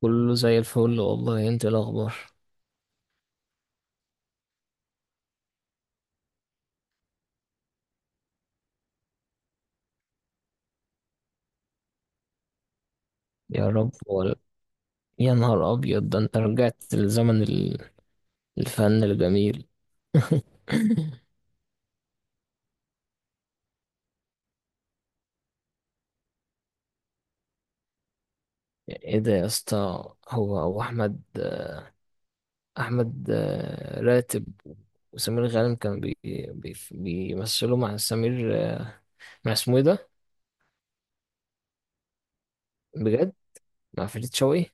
كله زي الفل والله، انت ايه الاخبار؟ يا رب ولا. يا نهار ابيض! ده انت رجعت لزمن الفن الجميل. ايه ده يا اسطى؟ هو احمد، احمد راتب، وسمير غانم. كان بي بي بيمثلوا مع سمير، مع اسمه ايه ده؟ بجد، مع فريد شوقي.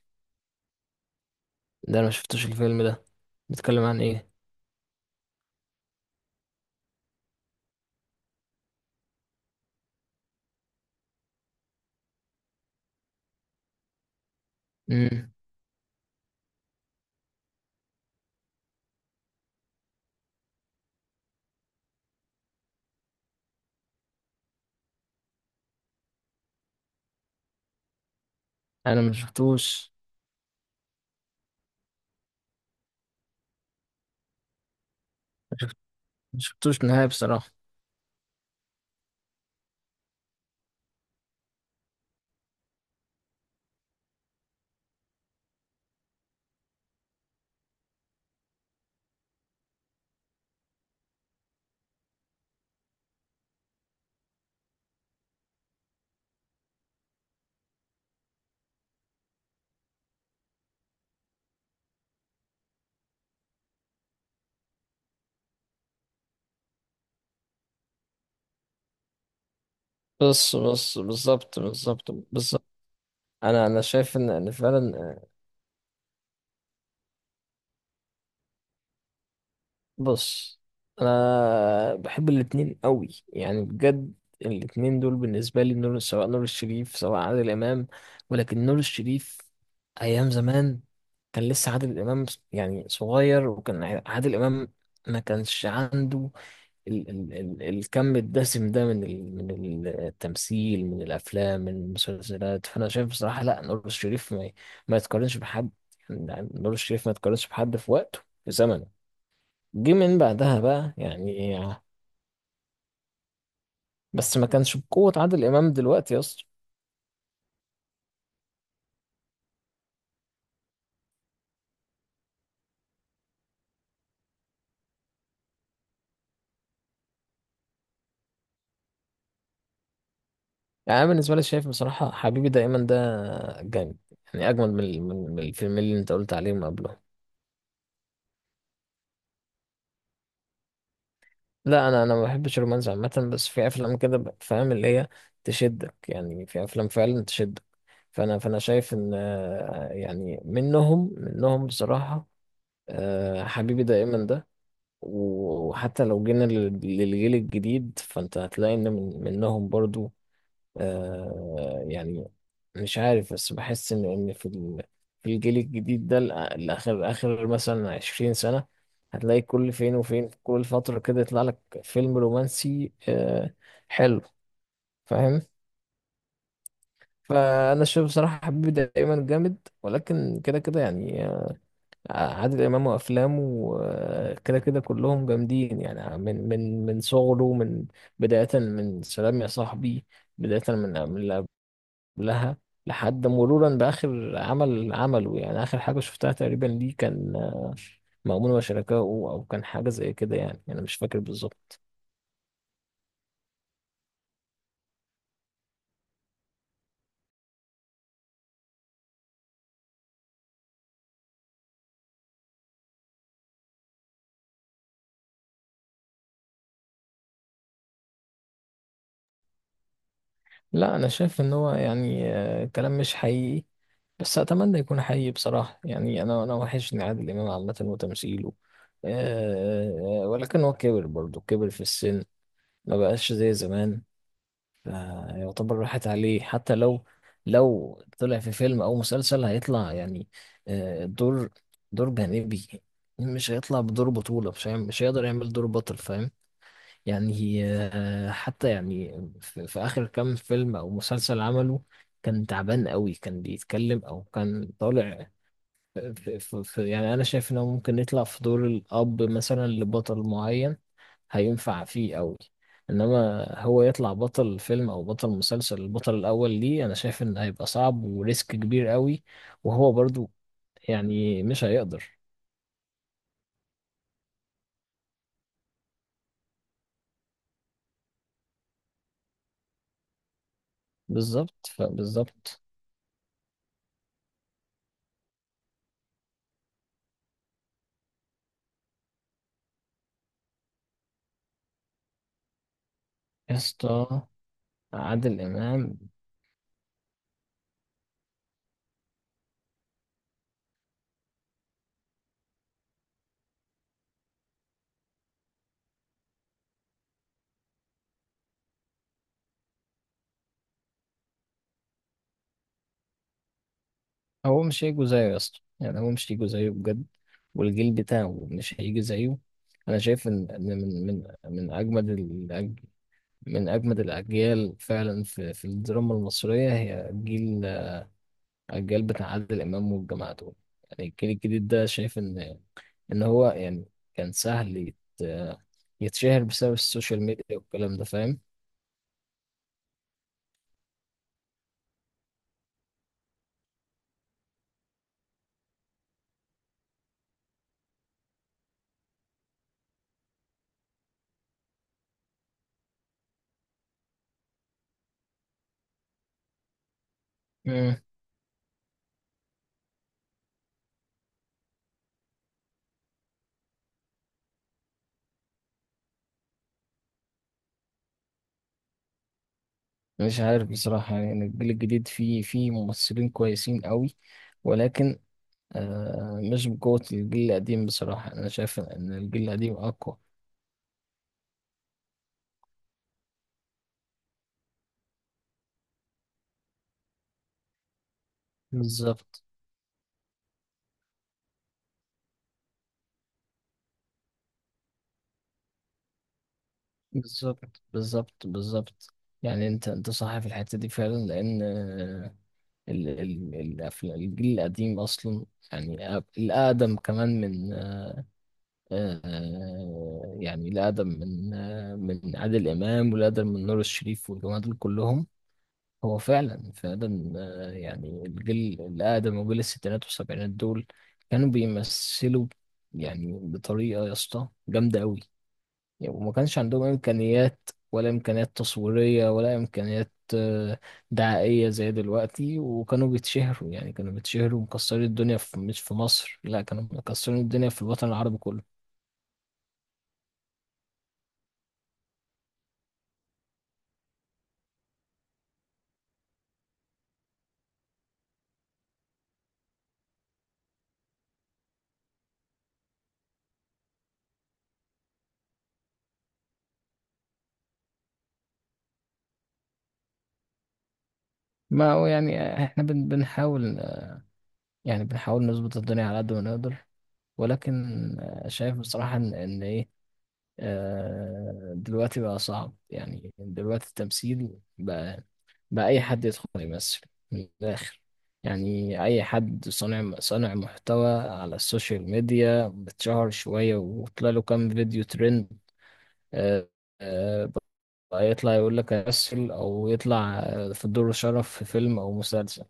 ده انا ما شفتوش الفيلم ده، بيتكلم عن ايه؟ امم. انا ما شفتوش، نهائي بصراحة. بس بس، بالظبط بالظبط بالظبط. انا شايف ان فعلا. بص، انا بحب الاتنين قوي يعني، بجد. الاتنين دول بالنسبه لي نور، سواء نور الشريف سواء عادل امام. ولكن نور الشريف، ايام زمان كان لسه عادل امام يعني صغير، وكان عادل امام ما كانش عنده ال ال ال الكم الدسم ده، من التمثيل، من الافلام، من المسلسلات. فانا شايف بصراحه لا، نور الشريف ما يتقارنش بحد. يعني نور الشريف ما يتقارنش بحد في وقته، في زمنه. جه من بعدها بقى يعني. بس ما كانش بقوة عادل إمام دلوقتي يا اسطى. يعني أنا بالنسبة لي شايف بصراحة حبيبي دايما ده جامد، يعني أجمد من الفيلمين اللي أنت قلت عليهم قبلهم. لا، أنا ما بحبش الرومانس عامة، بس في أفلام كده، فاهم اللي هي تشدك، يعني في أفلام فعلا تشدك. فأنا شايف إن، يعني منهم، منهم بصراحة، حبيبي دايما ده. وحتى لو جينا للجيل الجديد، فأنت هتلاقي إن من منهم برضو، يعني. مش عارف، بس بحس إن في في الجيل الجديد ده، الأ- الآخر آخر مثلا 20 سنة هتلاقي كل فين وفين، كل فترة كده يطلع لك فيلم رومانسي حلو، فاهم. فأنا شايف بصراحة حبيبي دايما جامد، ولكن كده كده يعني. عادل إمام وأفلامه، كده كده كلهم جامدين. يعني من صغره، بداية من سلام يا صاحبي، بداية من لها، لحد مرورا بآخر عمل عمله. يعني آخر حاجة شفتها تقريبا ليه كان مأمون وشركائه، أو كان حاجة زي كده. يعني أنا مش فاكر بالظبط. لا، أنا شايف إن هو يعني، كلام مش حقيقي، بس أتمنى يكون حقيقي بصراحة. يعني أنا وحشني عادل إمام عامة، وتمثيله. ولكن هو كبر برضه، كبر في السن، ما بقاش زي زمان. يعني يعتبر راحت عليه. حتى لو طلع في فيلم او مسلسل، هيطلع يعني آه، دور دور جانبي. مش هيطلع بدور بطولة، مش هيقدر يعمل دور بطل، فاهم يعني. حتى يعني في آخر كام فيلم او مسلسل عمله كان تعبان قوي، كان بيتكلم او كان طالع في, في, في يعني. انا شايف انه ممكن يطلع في دور الاب مثلا لبطل معين، هينفع فيه قوي. انما هو يطلع بطل فيلم او بطل مسلسل، البطل الاول ليه، انا شايف ان هيبقى صعب وريسك كبير قوي، وهو برضو يعني مش هيقدر. بالظبط، فبالظبط. يا اسطى، عادل امام هو مش هيجوا زيه يا اسطى، يعني هو مش هيجوا زيه بجد، والجيل بتاعه مش هيجي زيه. انا شايف إن من من اجمد الاجيال فعلا في الدراما المصريه، هي جيل، الجيل بتاع عادل امام والجماعه دول. يعني الجيل الجديد ده شايف ان هو يعني كان سهل يتشهر بسبب السوشيال ميديا والكلام ده، فاهم. مم. مش عارف بصراحه، يعني الجيل الجديد فيه ممثلين كويسين قوي، ولكن مش بقوه الجيل القديم بصراحه. انا شايف ان الجيل القديم اقوى. بالظبط بالظبط بالظبط بالظبط. يعني انت صح في الحته دي فعلا، لان ال ال الأفلام الجيل القديم أصلا، يعني الأقدم كمان، من يعني الأقدم من، من عادل إمام، والأقدم من نور الشريف والجماعة دول كلهم، هو فعلا فعلا، يعني الجيل الأقدم وجيل الستينات والسبعينات دول كانوا بيمثلوا يعني بطريقة يا اسطى جامدة أوي. يعني وما كانش عندهم إمكانيات، ولا إمكانيات تصويرية، ولا إمكانيات دعائية زي دلوقتي، وكانوا بيتشهروا، يعني كانوا بيتشهروا مكسرين الدنيا في، مش في مصر لا، كانوا مكسرين الدنيا في الوطن العربي كله. ما هو يعني احنا بنحاول، يعني بنحاول نظبط الدنيا على قد ما نقدر. ولكن شايف بصراحة إن إيه، دلوقتي بقى صعب يعني. دلوقتي التمثيل بقى، اي حد يدخل يمثل، من الاخر. يعني اي حد صانع محتوى على السوشيال ميديا، بتشهر شويه وطلع له كام فيديو ترند، آه، آه، بقى يطلع يقول لك امثل، او يطلع في دور شرف في فيلم او مسلسل.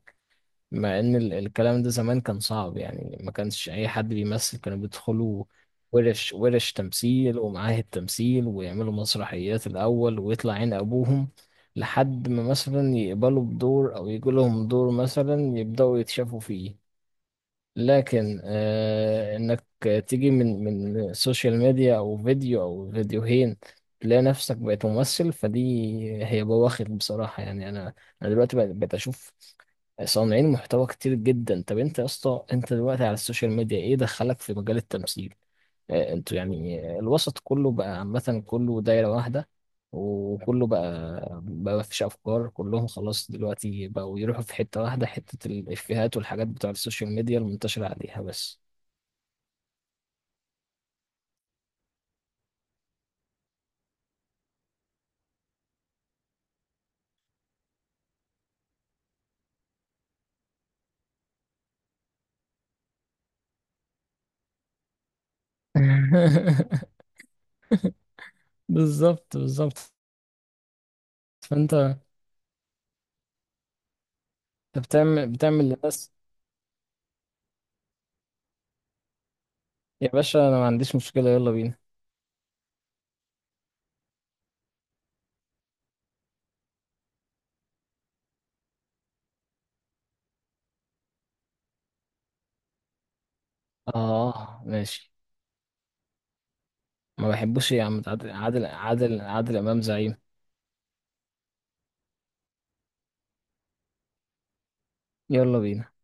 مع ان الكلام ده زمان كان صعب يعني، ما كانش اي حد بيمثل. كانوا بيدخلوا ورش ورش تمثيل ومعاهد تمثيل، ويعملوا مسرحيات الاول، ويطلع عين ابوهم لحد ما مثلا يقبلوا بدور او يجي لهم دور، مثلا يبداوا يتشافوا فيه. لكن انك تيجي من سوشيال ميديا او فيديو او فيديوهين، تلاقي نفسك بقيت ممثل، فدي هي بواخر بصراحة. يعني انا دلوقتي بقيت اشوف صانعين محتوى كتير جدا. طب انت يا اسطى، انت دلوقتي على السوشيال ميديا، ايه دخلك في مجال التمثيل؟ انتوا يعني، الوسط كله بقى عامة، كله دايرة واحدة، وكله بقى مفيش أفكار. كلهم خلاص دلوقتي بقوا يروحوا في حتة واحدة، حتة الإفيهات والحاجات بتوع السوشيال ميديا المنتشرة عليها بس. بالظبط بالظبط. فانت، بتعمل للناس. يا باشا انا ما عنديش مشكلة، يلا بينا. آه، ماشي. ما بحبوش يا عم، عادل عادل عادل عادل إمام زعيم. يلا بينا.